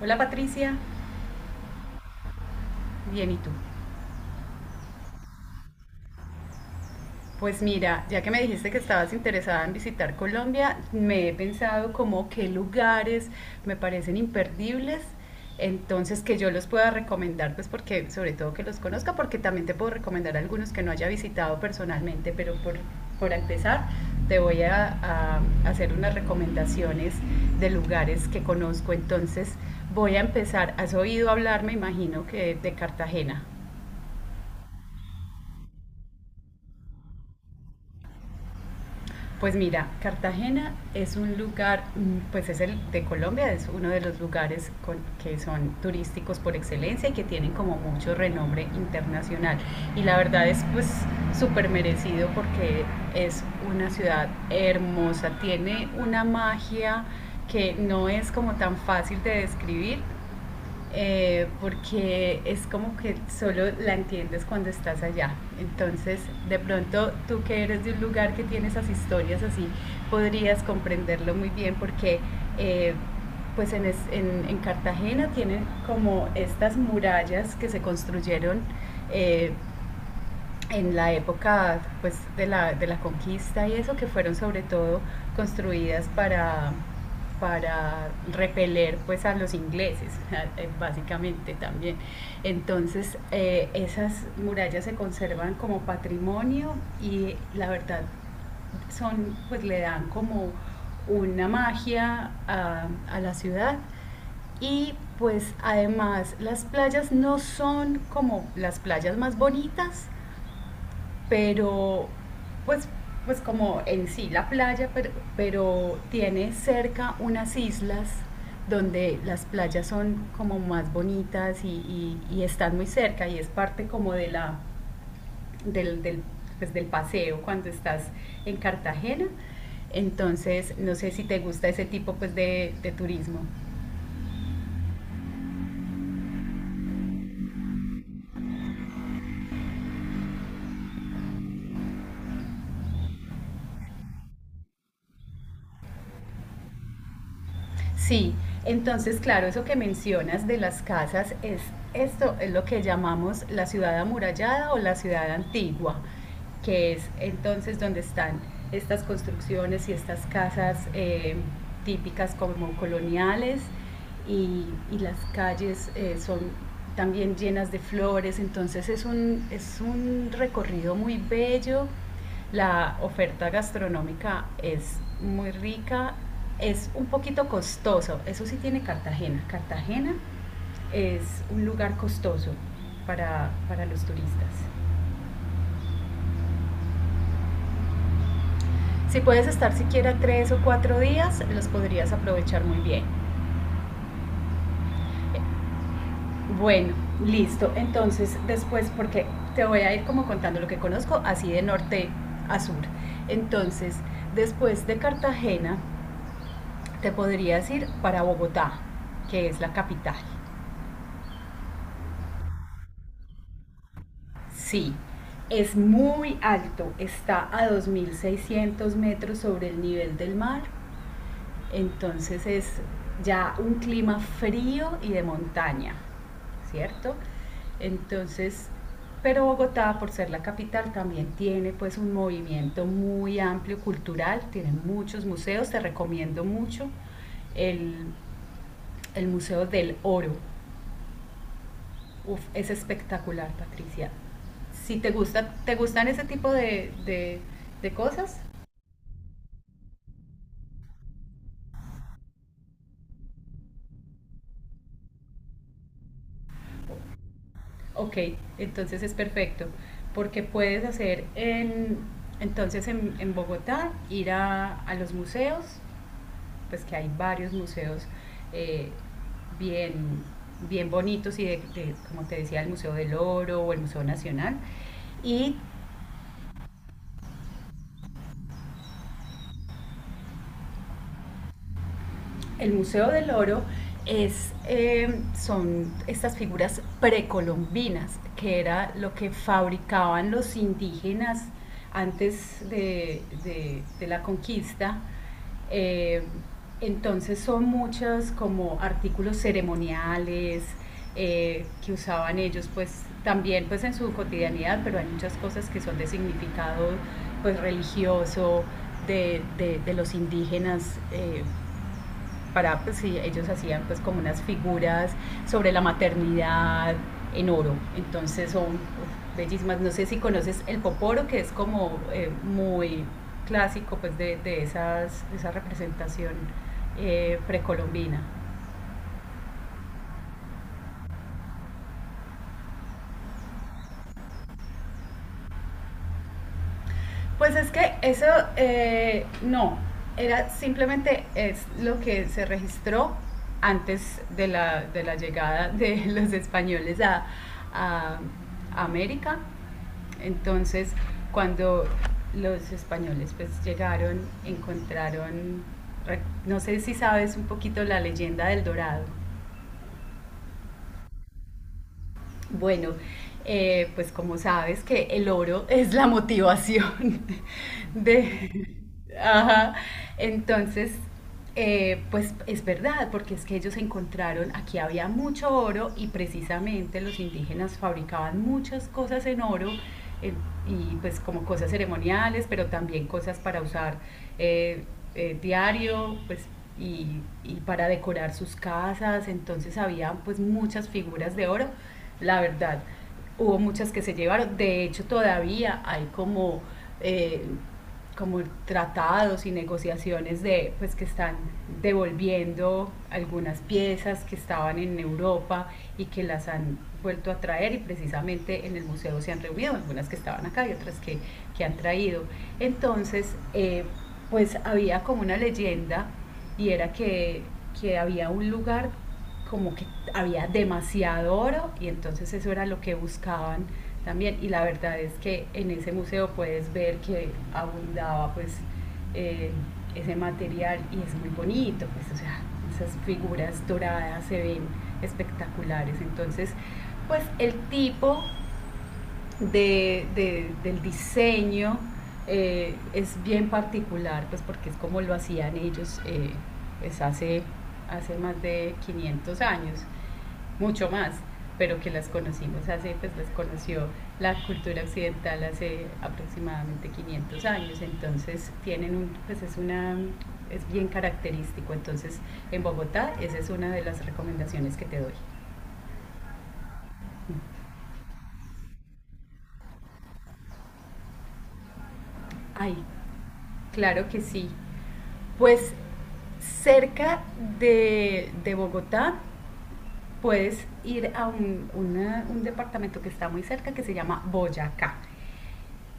Hola Patricia, bien y tú. Pues mira, ya que me dijiste que estabas interesada en visitar Colombia, me he pensado como qué lugares me parecen imperdibles, entonces que yo los pueda recomendar, pues porque sobre todo que los conozca, porque también te puedo recomendar algunos que no haya visitado personalmente, por empezar te voy a hacer unas recomendaciones de lugares que conozco, entonces voy a empezar, has oído hablar, me imagino que de Cartagena. Pues mira, Cartagena es un lugar, pues es el de Colombia, es uno de los que son turísticos por excelencia y que tienen como mucho renombre internacional. Y la verdad es pues súper merecido porque es una ciudad hermosa, tiene una magia que no es como tan fácil de describir porque es como que solo la entiendes cuando estás allá. Entonces, de pronto, tú que eres de un lugar que tiene esas historias así, podrías comprenderlo muy bien eh, pues en Cartagena tienen como estas murallas que se construyeron eh, en la época de la conquista y eso, que fueron sobre todo construidas para repeler pues, a los ingleses, básicamente también. Entonces, esas murallas se conservan como patrimonio y la verdad son, pues le dan como una magia a la ciudad. Y pues además las playas no son como las playas más bonitas, pero pues, pues como en sí la playa, pero tiene cerca unas islas donde las playas son como más bonitas y están muy cerca y es parte como de del, del, pues, del paseo cuando estás en Cartagena. Entonces, no sé si te gusta ese tipo de turismo. Sí, entonces, claro, eso que mencionas de las casas es esto es lo que llamamos la ciudad amurallada o la ciudad antigua, que es entonces donde están estas construcciones y estas casas típicas como coloniales y, y las calles son también llenas de flores, entonces es un recorrido muy bello. La oferta gastronómica es muy rica, es un poquito costoso, eso sí tiene Cartagena. Cartagena es un lugar costoso para los turistas. Si puedes estar siquiera 3 o 4 días, los podrías aprovechar muy bien. Bueno, listo. Entonces, después, porque te voy a ir como contando lo que conozco, así de norte a sur. Entonces, después de Cartagena, te podrías ir para Bogotá, que es la capital. Sí, es muy alto, está a 2.600 metros sobre el nivel del mar, entonces es ya un clima frío y de montaña, ¿cierto? Entonces, pero Bogotá, por ser la capital, también tiene pues un movimiento muy amplio cultural, tiene muchos museos, te recomiendo mucho el, el Museo del Oro. Uf, es espectacular, Patricia. Si te gusta, te gustan ese tipo de cosas, ok, entonces es perfecto. Porque puedes hacer en Bogotá, ir a los museos, pues que hay varios museos eh, bien, bien bonitos y como te decía, el Museo del Oro o el Museo Nacional. Y El Museo del Oro es, son estas figuras precolombinas, que era lo que fabricaban los indígenas antes de la conquista. Eh, entonces son muchos como artículos ceremoniales que usaban ellos pues también pues en su cotidianidad, pero hay muchas cosas que son de significado pues religioso de los indígenas, para, pues sí, ellos hacían pues como unas figuras sobre la maternidad en oro. Entonces son uf, bellísimas. No sé si conoces el poporo, que es como muy clásico pues de esa representación precolombina. Pues es que eso no, era simplemente es lo que se registró antes de de la llegada de los españoles a América. Entonces, cuando los españoles pues llegaron, encontraron, no sé si sabes un poquito la leyenda del dorado. Bueno, pues como sabes que el oro es la motivación de... Ajá. Entonces, pues es verdad, porque es que ellos encontraron, aquí había mucho oro y precisamente los indígenas fabricaban muchas cosas en oro. eh, y pues como cosas ceremoniales, pero también cosas para usar eh, diario, pues y, y para decorar sus casas, entonces había pues muchas figuras de oro la verdad. Hubo muchas que se llevaron, de hecho todavía hay eh, como tratados y negociaciones de, pues que están devolviendo algunas piezas que estaban en Europa y que las han vuelto a traer y precisamente en el museo se han reunido algunas que estaban acá y otras que han traído. Entonces, pues había como una leyenda y era que había un lugar como que había demasiado oro y entonces eso era lo que buscaban también. Y la verdad es que en ese museo puedes ver que abundaba pues eh, ese material y es muy bonito, pues o sea, esas figuras doradas se ven espectaculares. Entonces, pues el tipo del diseño es bien particular, pues porque es como lo hacían ellos pues hace, hace más de 500 años mucho más, pero que las conocimos hace, pues las conoció la cultura occidental hace aproximadamente 500 años, entonces tienen un, pues es una, es bien característico, entonces en Bogotá esa es una de las recomendaciones que te doy. Ay, claro que sí, pues cerca de Bogotá puedes ir a un departamento que está muy cerca que se llama Boyacá.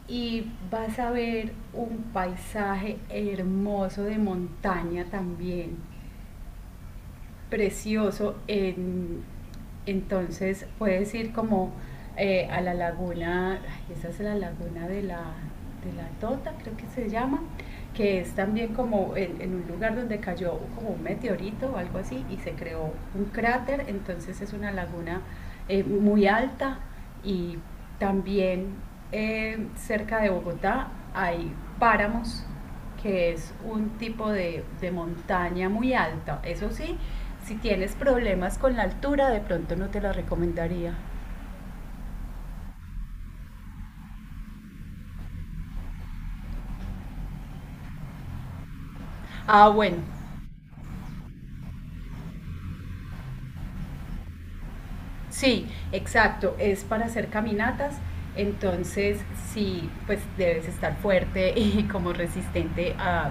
Y vas a ver un paisaje hermoso de montaña también precioso. Entonces puedes ir como a la laguna, ay, esa es la laguna de de la Tota, creo que se llama, que es también como en un lugar donde cayó como un meteorito o algo así y se creó un cráter. Entonces es una laguna muy alta y también cerca de Bogotá hay páramos que es un tipo de montaña muy alta. Eso sí, si tienes problemas con la altura, de pronto no te la recomendaría. Ah, bueno, sí, exacto, es para hacer caminatas. Entonces, sí, pues debes estar fuerte y como resistente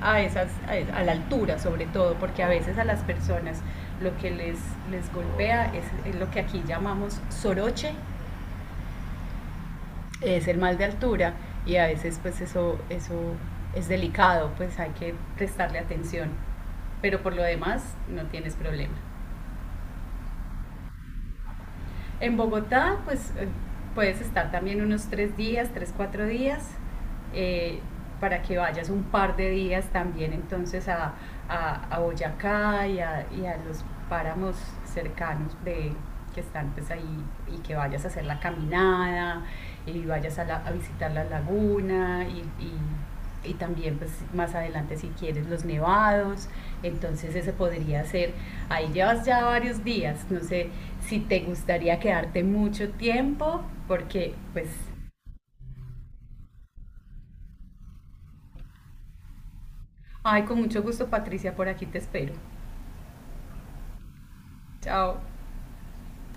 a esas, a, es- a la altura sobre todo, porque a veces a las personas lo que les golpea es lo que aquí llamamos soroche, es el mal de altura y a veces pues eso es delicado, pues hay que prestarle atención, pero por lo demás no tienes problema. En Bogotá pues puedes estar también unos 3 días, 4 días, eh, para que vayas un par de días también entonces a Boyacá y a los páramos cercanos de, que están pues ahí y que vayas a hacer la caminada y vayas a visitar la laguna y también pues más adelante si quieres los nevados, entonces ese podría ser, ahí llevas ya varios días, no sé si te gustaría quedarte mucho tiempo, porque pues, ay, con mucho gusto Patricia, por aquí te espero. Chao.